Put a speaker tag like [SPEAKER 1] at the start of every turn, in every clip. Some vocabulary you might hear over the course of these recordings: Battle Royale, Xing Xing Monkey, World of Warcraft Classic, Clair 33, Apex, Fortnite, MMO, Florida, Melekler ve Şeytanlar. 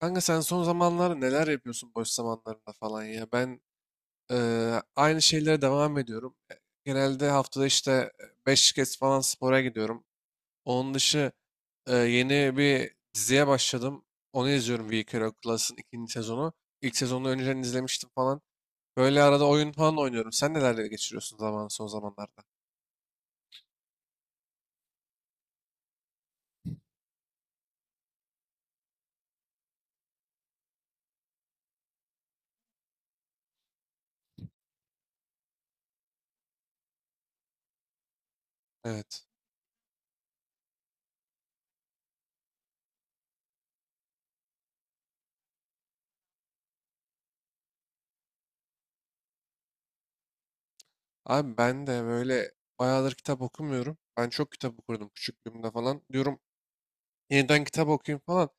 [SPEAKER 1] Kanka sen son zamanlarda neler yapıyorsun boş zamanlarında falan ya? Ben aynı şeylere devam ediyorum. Genelde haftada işte 5 kez falan spora gidiyorum. Onun dışı yeni bir diziye başladım. Onu izliyorum We Care Class'ın ikinci sezonu. İlk sezonu önceden izlemiştim falan. Böyle arada oyun falan oynuyorum. Sen nelerle geçiriyorsun zaman son zamanlarda? Evet. Abi ben de böyle bayağıdır kitap okumuyorum. Ben çok kitap okurdum küçüklüğümde falan. Diyorum yeniden kitap okuyayım falan.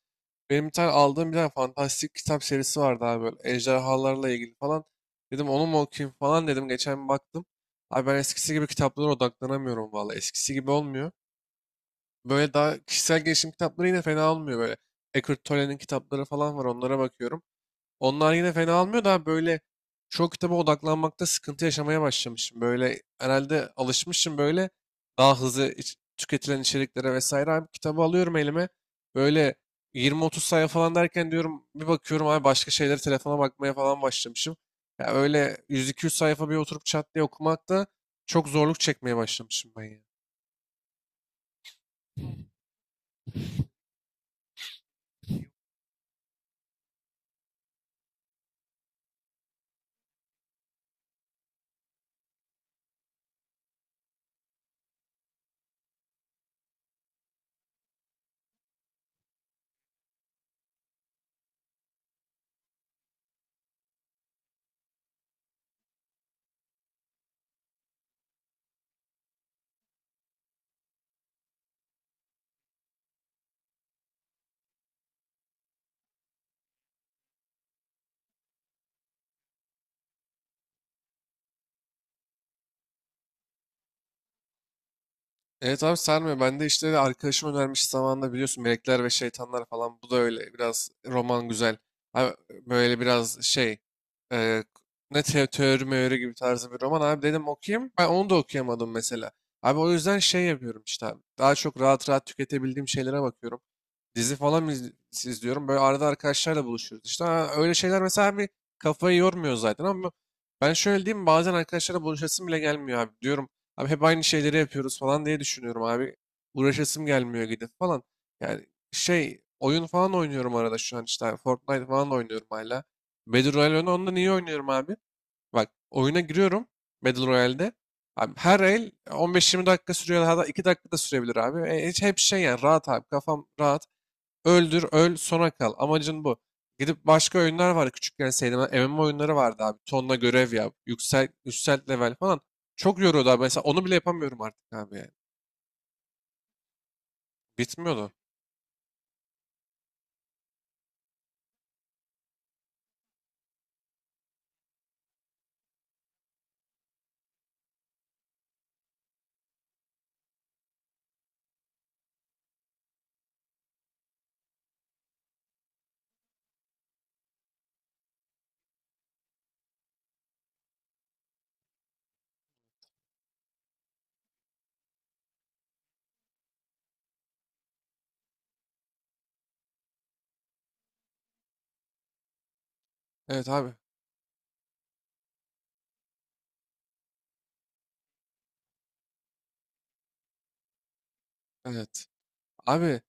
[SPEAKER 1] Benim bir tane aldığım bir tane fantastik kitap serisi vardı abi böyle ejderhalarla ilgili falan. Dedim onu mu okuyayım falan dedim. Geçen bir baktım. Abi ben eskisi gibi kitaplara odaklanamıyorum valla. Eskisi gibi olmuyor. Böyle daha kişisel gelişim kitapları yine fena olmuyor böyle. Eckhart Tolle'nin kitapları falan var onlara bakıyorum. Onlar yine fena almıyor da böyle çok kitaba odaklanmakta sıkıntı yaşamaya başlamışım. Böyle herhalde alışmışım böyle daha hızlı tüketilen içeriklere vesaire. Abi kitabı alıyorum elime böyle 20-30 sayfa falan derken diyorum bir bakıyorum abi başka şeyleri telefona bakmaya falan başlamışım. Ya öyle 100-200 sayfa bir oturup çat diye okumakta çok zorluk çekmeye başlamışım ben ya. Evet abi sarmıyor. Ben de işte arkadaşım önermiş zamanında biliyorsun Melekler ve Şeytanlar falan. Bu da öyle biraz roman güzel. Abi böyle biraz şey e, ne teori meori gibi tarzı bir roman abi dedim okuyayım. Ben onu da okuyamadım mesela. Abi o yüzden şey yapıyorum işte abi. Daha çok rahat rahat tüketebildiğim şeylere bakıyorum. Dizi falan izliyorum. Böyle arada arkadaşlarla buluşuyoruz. İşte ha, öyle şeyler mesela bir kafayı yormuyor zaten ama ben şöyle diyeyim bazen arkadaşlarla buluşasım bile gelmiyor abi. Diyorum abi hep aynı şeyleri yapıyoruz falan diye düşünüyorum abi. Uğraşasım gelmiyor gidip falan. Yani şey oyun falan oynuyorum arada şu an işte abi. Fortnite falan oynuyorum hala. Battle Royale onu ondan iyi oynuyorum abi. Bak oyuna giriyorum Battle Royale'de. Abi her el 15-20 dakika sürüyor. Hatta 2 dakika da sürebilir abi. Hiç hep şey yani rahat abi. Kafam rahat. Öldür, öl, sona kal. Amacın bu. Gidip başka oyunlar var küçükken sevdiğim. MMO oyunları vardı abi. Tonla görev yap. Yüksel, yükselt level falan. Çok yoruyordu abi. Mesela onu bile yapamıyorum artık abi yani. Bitmiyordu. Evet abi. Evet. Abi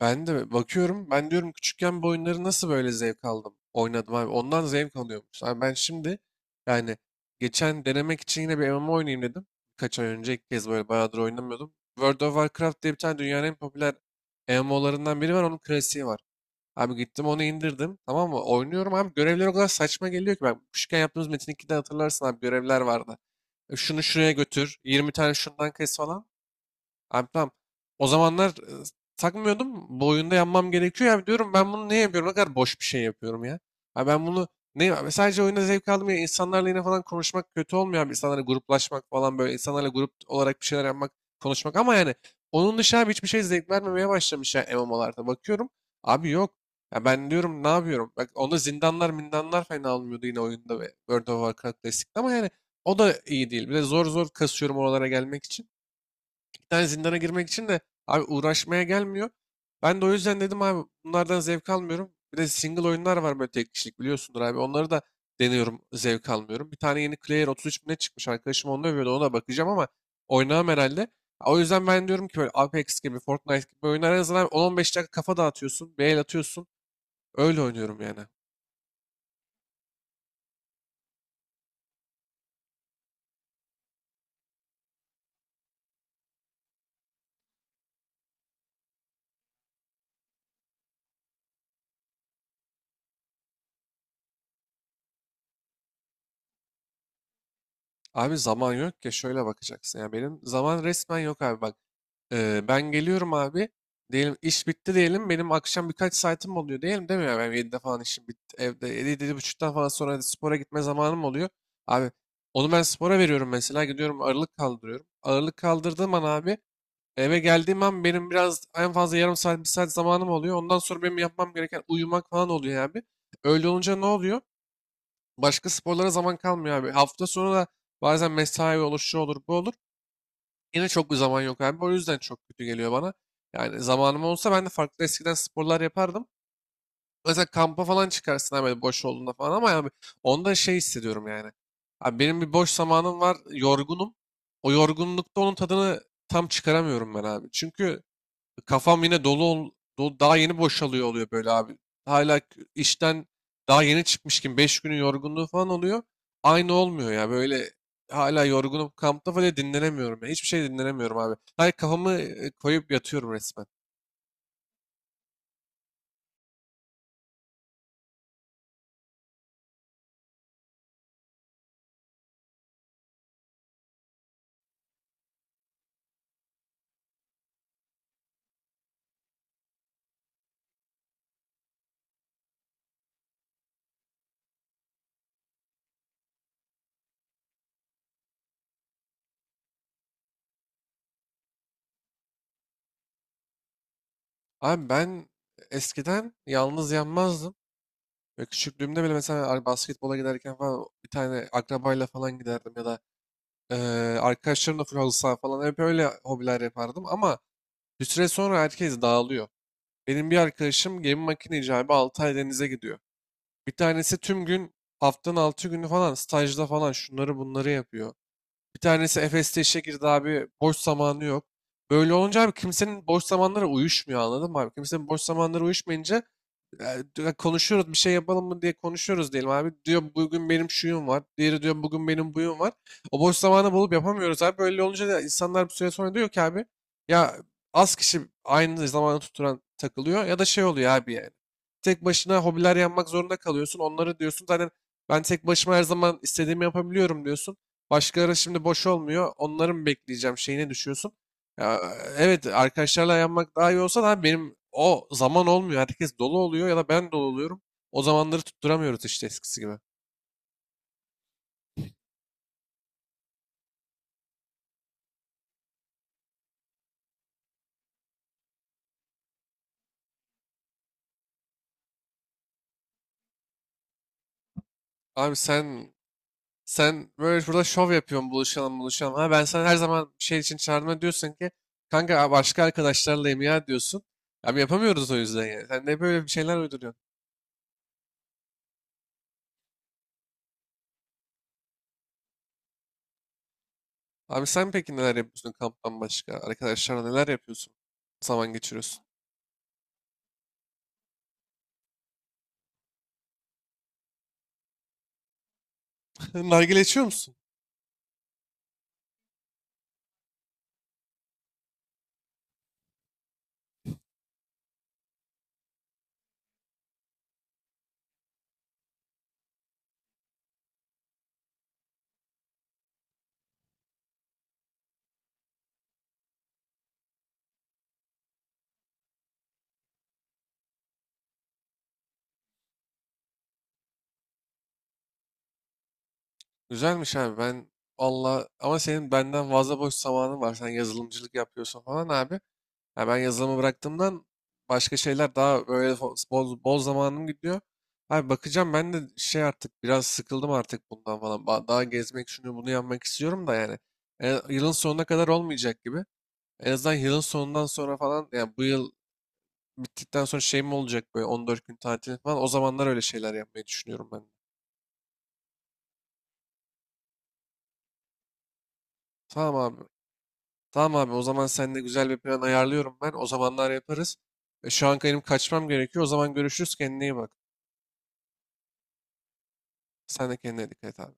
[SPEAKER 1] ben de bakıyorum. Ben diyorum küçükken bu oyunları nasıl böyle zevk aldım? Oynadım abi. Ondan zevk alıyormuş. Abi ben şimdi yani geçen denemek için yine bir MMO oynayayım dedim. Birkaç ay önce ilk kez böyle bayağıdır oynamıyordum. World of Warcraft diye bir tane dünyanın en popüler MMO'larından biri var. Onun klasiği var. Abi gittim onu indirdim. Tamam mı? Oynuyorum abi. Görevler o kadar saçma geliyor ki. Ben küçükken yaptığımız Metin 2'de hatırlarsın abi görevler vardı. Şunu şuraya götür. 20 tane şundan kes falan. Abi tamam. O zamanlar takmıyordum. Bu oyunda yanmam gerekiyor. Ya diyorum ben bunu ne yapıyorum? Ne kadar boş bir şey yapıyorum ya. Abi ben bunu ne abi sadece oyunda zevk aldım ya. İnsanlarla yine falan konuşmak kötü olmuyor abi. İnsanlarla gruplaşmak falan böyle. İnsanlarla grup olarak bir şeyler yapmak, konuşmak. Ama yani onun dışında abi hiçbir şey zevk vermemeye başlamış ya MMO'larda. Bakıyorum abi yok. Ya ben diyorum ne yapıyorum? Bak onda zindanlar mindanlar fena olmuyordu yine oyunda ve World of Warcraft Classic'te ama yani o da iyi değil. Bir de zor zor kasıyorum oralara gelmek için tane zindana girmek için de abi uğraşmaya gelmiyor. Ben de o yüzden dedim abi bunlardan zevk almıyorum. Bir de single oyunlar var böyle tek kişilik biliyorsundur abi. Onları da deniyorum zevk almıyorum. Bir tane yeni Clair 33 bine çıkmış arkadaşım onu övüyordu ona bakacağım ama oynamam herhalde. O yüzden ben diyorum ki böyle Apex gibi Fortnite gibi oyunlar en azından 10-15 dakika kafa dağıtıyorsun, bir el atıyorsun. Öyle oynuyorum yani. Abi zaman yok ya şöyle bakacaksın ya benim zaman resmen yok abi bak. Ben geliyorum abi diyelim iş bitti diyelim benim akşam birkaç saatim oluyor diyelim değil mi ya ben 7'de falan işim bitti evde 7 7:30'dan falan sonra hadi spora gitme zamanım oluyor abi onu ben spora veriyorum mesela gidiyorum ağırlık kaldırıyorum ağırlık kaldırdığım an abi eve geldiğim an benim biraz en fazla yarım saat bir saat zamanım oluyor ondan sonra benim yapmam gereken uyumak falan oluyor abi öyle olunca ne oluyor? Başka sporlara zaman kalmıyor abi. Hafta sonu da bazen mesai olur, şu olur, bu olur. Yine çok bir zaman yok abi. O yüzden çok kötü geliyor bana. Yani zamanım olsa ben de farklı eskiden sporlar yapardım. Mesela kampa falan çıkarsın abi böyle boş olduğunda falan ama yani onda şey hissediyorum yani. Abi benim bir boş zamanım var, yorgunum. O yorgunlukta onun tadını tam çıkaramıyorum ben abi. Çünkü kafam yine dolu daha yeni boşalıyor oluyor böyle abi. Hala işten daha yeni çıkmış gibi 5 günün yorgunluğu falan oluyor. Aynı olmuyor ya böyle hala yorgunum kampta falan dinlenemiyorum ya. Hiçbir şey dinlenemiyorum abi. Hayır kafamı koyup yatıyorum resmen. Abi ben eskiden yalnız yanmazdım. Ve küçüklüğümde bile mesela basketbola giderken falan bir tane akrabayla falan giderdim ya da e, arkadaşlarımla full halı saha falan hep öyle hobiler yapardım ama bir süre sonra herkes dağılıyor. Benim bir arkadaşım gemi makine icabı 6 ay denize gidiyor. Bir tanesi tüm gün haftanın 6 günü falan stajda falan şunları bunları yapıyor. Bir tanesi Efes'te işe girdi abi boş zamanı yok. Böyle olunca abi kimsenin boş zamanları uyuşmuyor anladın mı abi? Kimsenin boş zamanları uyuşmayınca ya, konuşuyoruz bir şey yapalım mı diye konuşuyoruz diyelim abi. Diyor bugün benim şuyum var. Diğeri diyor bugün benim buyum var. O boş zamanı bulup yapamıyoruz abi. Böyle olunca da insanlar bir süre sonra diyor ki abi ya az kişi aynı zamanı tutturan takılıyor ya da şey oluyor abi yani. Tek başına hobiler yapmak zorunda kalıyorsun. Onları diyorsun zaten ben tek başıma her zaman istediğimi yapabiliyorum diyorsun. Başkaları şimdi boş olmuyor. Onları mı bekleyeceğim şeyine düşüyorsun. Ya, evet arkadaşlarla yanmak daha iyi olsa da abi benim o zaman olmuyor. Herkes dolu oluyor ya da ben dolu oluyorum. O zamanları tutturamıyoruz işte eskisi gibi. Abi sen böyle burada şov yapıyorsun buluşalım buluşalım. Ha ben sana her zaman bir şey için çağırma diyorsun ki kanka "Aa, başka arkadaşlarlayım ya" diyorsun. Abi yapamıyoruz o yüzden yani. Sen de böyle bir şeyler uyduruyorsun. Abi sen peki neler yapıyorsun kamptan başka? Arkadaşlarla neler yapıyorsun? Zaman geçiriyorsun. Nargile içiyor musun? Güzelmiş abi ben Allah ama senin benden fazla boş zamanın var. Sen yazılımcılık yapıyorsun falan abi. Ya ben yazılımı bıraktığımdan başka şeyler daha böyle bol boz zamanım gidiyor. Abi bakacağım ben de şey artık biraz sıkıldım artık bundan falan. Daha gezmek şunu bunu yapmak istiyorum da yani. Yılın sonuna kadar olmayacak gibi. En azından yılın sonundan sonra falan yani bu yıl bittikten sonra şey mi olacak böyle 14 gün tatil falan. O zamanlar öyle şeyler yapmayı düşünüyorum ben de. Tamam abi. Tamam abi o zaman seninle güzel bir plan ayarlıyorum ben. O zamanlar yaparız. Şu an benim kaçmam gerekiyor. O zaman görüşürüz. Kendine iyi bak. Sen de kendine dikkat et abi.